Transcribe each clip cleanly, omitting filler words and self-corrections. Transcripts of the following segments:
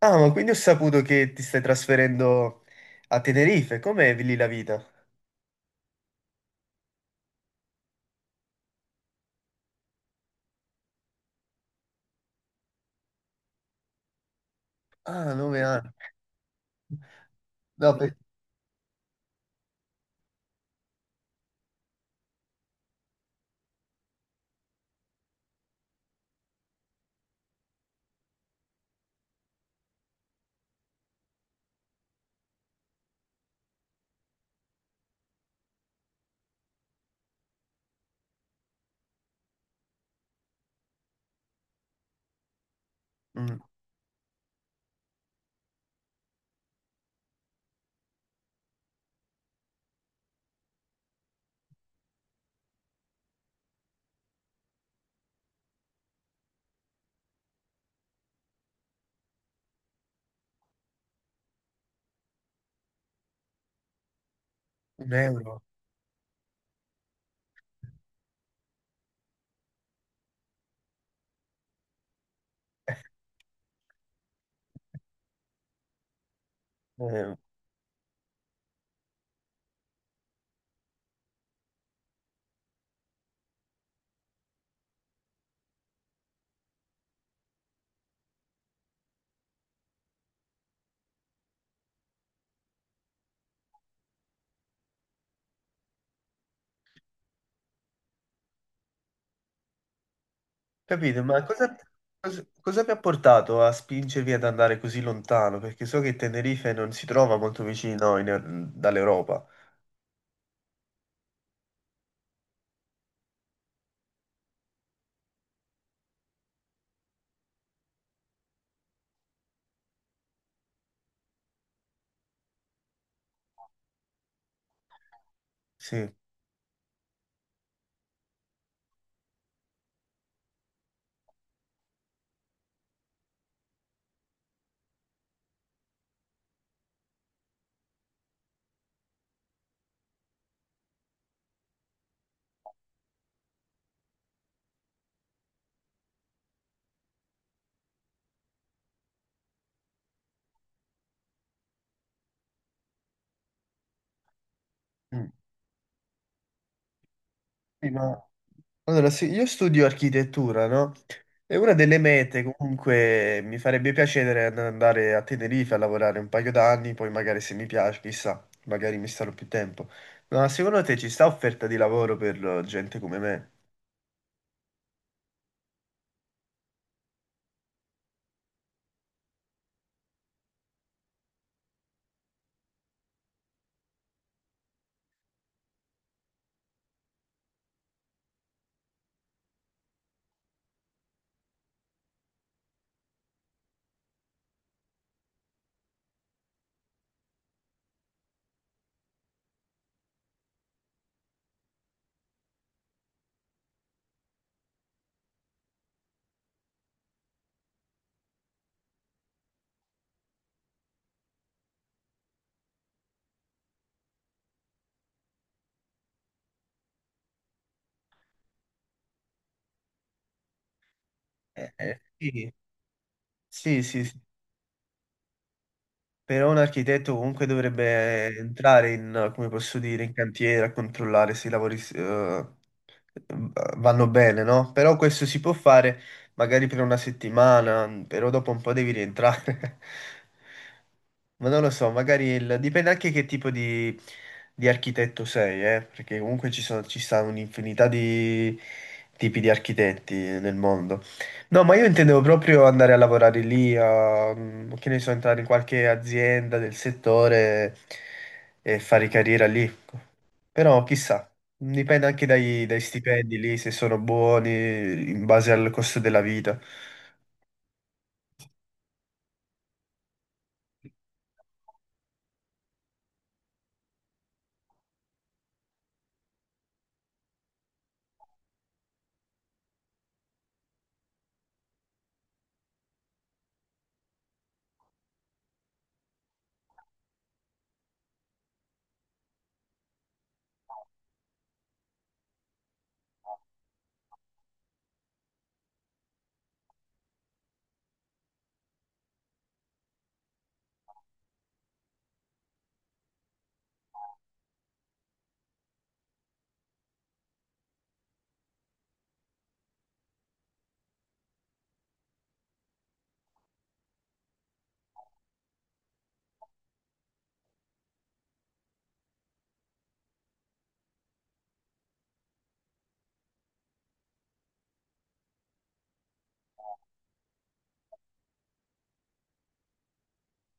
Ah, ma quindi ho saputo che ti stai trasferendo a Tenerife. Com'è lì la vita? Ah, 9 anni. No, per... mm, un euro. Eh, capito, ma cosa vi ha portato a spingervi ad andare così lontano? Perché so che Tenerife non si trova molto vicino in- dall'Europa. Sì. Mm. Sì, ma- Allora, sì, io studio architettura, no? E una delle mete comunque mi farebbe piacere andare a Tenerife a lavorare un paio d'anni, poi magari se mi piace, chissà, magari mi starò più tempo. Ma secondo te ci sta offerta di lavoro per gente come me? Sì. Sì, però un architetto comunque dovrebbe entrare in, come posso dire, in cantiere a controllare se i lavori vanno bene, no? Però questo si può fare magari per una settimana, però dopo un po' devi rientrare. Ma non lo so, magari dipende anche che tipo di architetto sei, perché comunque ci sono, ci sta un'infinità di tipi di architetti nel mondo. No, ma io intendevo proprio andare a lavorare lì, a, mm, che ne so, entrare in qualche azienda del settore e fare carriera lì. Ecco. Però chissà, dipende anche dai stipendi lì, se sono buoni in base al costo della vita.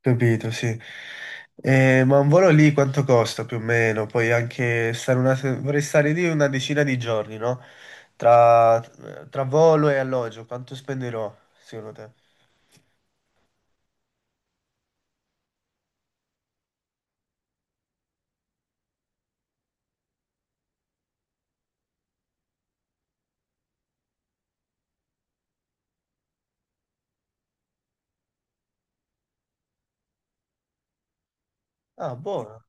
Capito, sì. Ma un volo lì quanto costa più o meno? Poi anche stare una, vorrei stare lì una decina di giorni, no? Tra, tra volo e alloggio, quanto spenderò, secondo te? Ah, buono.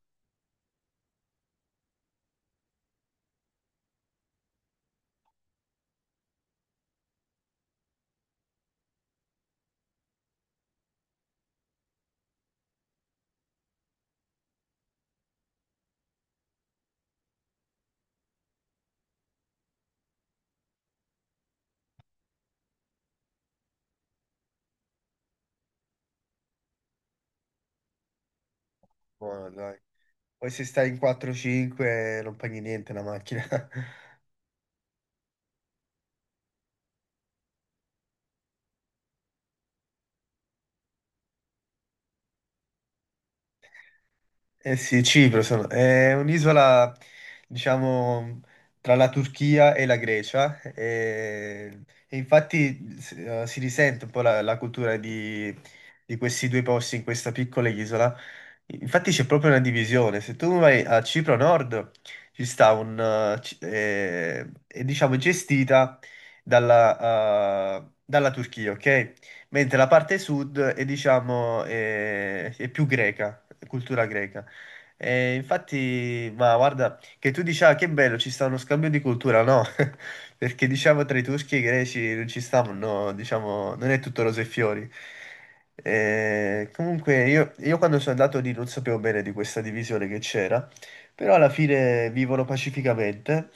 Buono, dai. Poi se stai in 4-5 non paghi niente la macchina. Eh sì, è un'isola, diciamo, tra la Turchia e la Grecia e infatti si risente un po' la, la cultura di questi due posti in questa piccola isola. Infatti c'è proprio una divisione. Se tu vai a Cipro Nord, ci sta un... è, diciamo gestita dalla, dalla Turchia, ok? Mentre la parte sud è, diciamo, è più greca, cultura greca. E infatti, ma guarda, che tu dici, ah, che bello, ci sta uno scambio di cultura, no? Perché diciamo tra i turchi e i greci non ci stavano, no, diciamo, non è tutto rose e fiori. Comunque io quando sono andato lì non sapevo bene di questa divisione che c'era, però alla fine vivono pacificamente.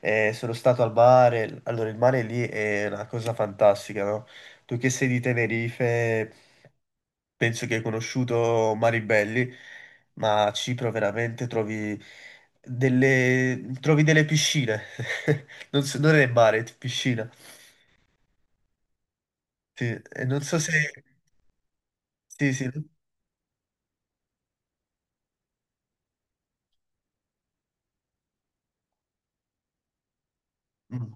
Sono stato al mare, allora il mare lì è una cosa fantastica, no? Tu che sei di Tenerife, penso che hai conosciuto Maribelli, ma a Cipro veramente trovi trovi delle piscine. Non è mare, è piscina. Sì, e non so se... Sì, sì. Mm.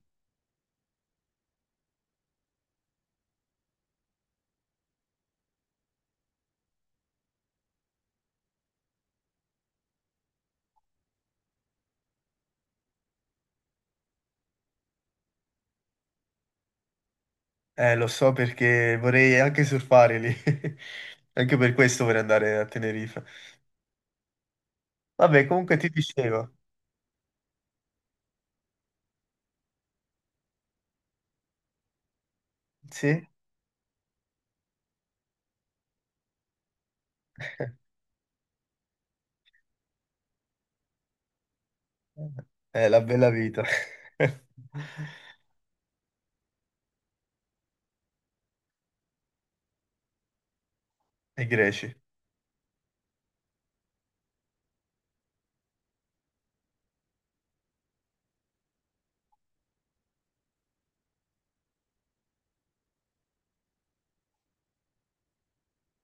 Lo so perché vorrei anche surfare lì. Anche per questo vorrei andare a Tenerife. Vabbè, comunque ti dicevo, sì? È la bella vita. E greci.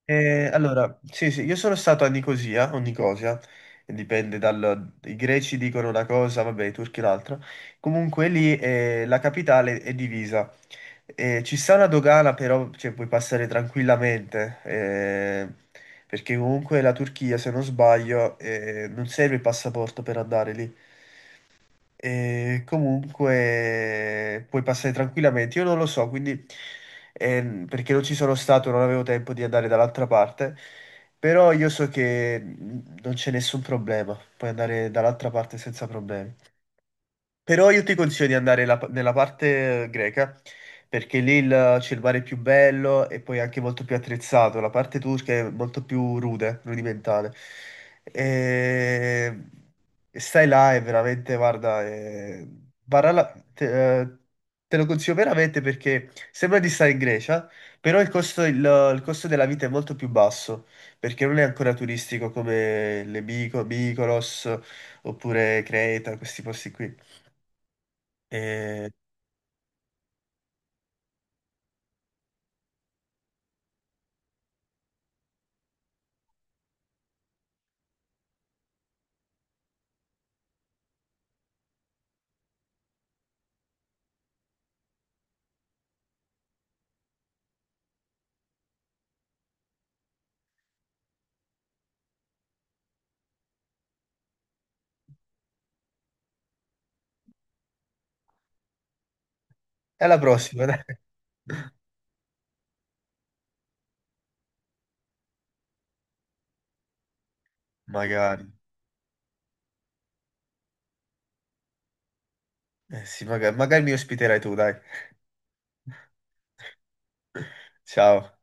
Allora, sì, sì, io sono stato a Nicosia o Nicosia, dipende dal... I greci dicono una cosa, vabbè, i turchi l'altra. Comunque lì la capitale è divisa. Ci sta una dogana, però cioè, puoi passare tranquillamente, perché comunque la Turchia, se non sbaglio, non serve il passaporto per andare lì. E comunque puoi passare tranquillamente. Io non lo so, quindi perché non ci sono stato, non avevo tempo di andare dall'altra parte, però io so che non c'è nessun problema, puoi andare dall'altra parte senza problemi. Però io ti consiglio di andare nella parte greca, perché lì c'è il mare più bello e poi anche molto più attrezzato. La parte turca è molto più rude, rudimentale. E... e stai là e veramente, guarda, te, te lo consiglio veramente perché sembra di stare in Grecia, però il costo della vita è molto più basso, perché non è ancora turistico come le Mykonos oppure Creta, questi posti qui. E e alla prossima, dai. Magari. Eh sì, magari, magari mi ospiterai tu, dai. Ciao.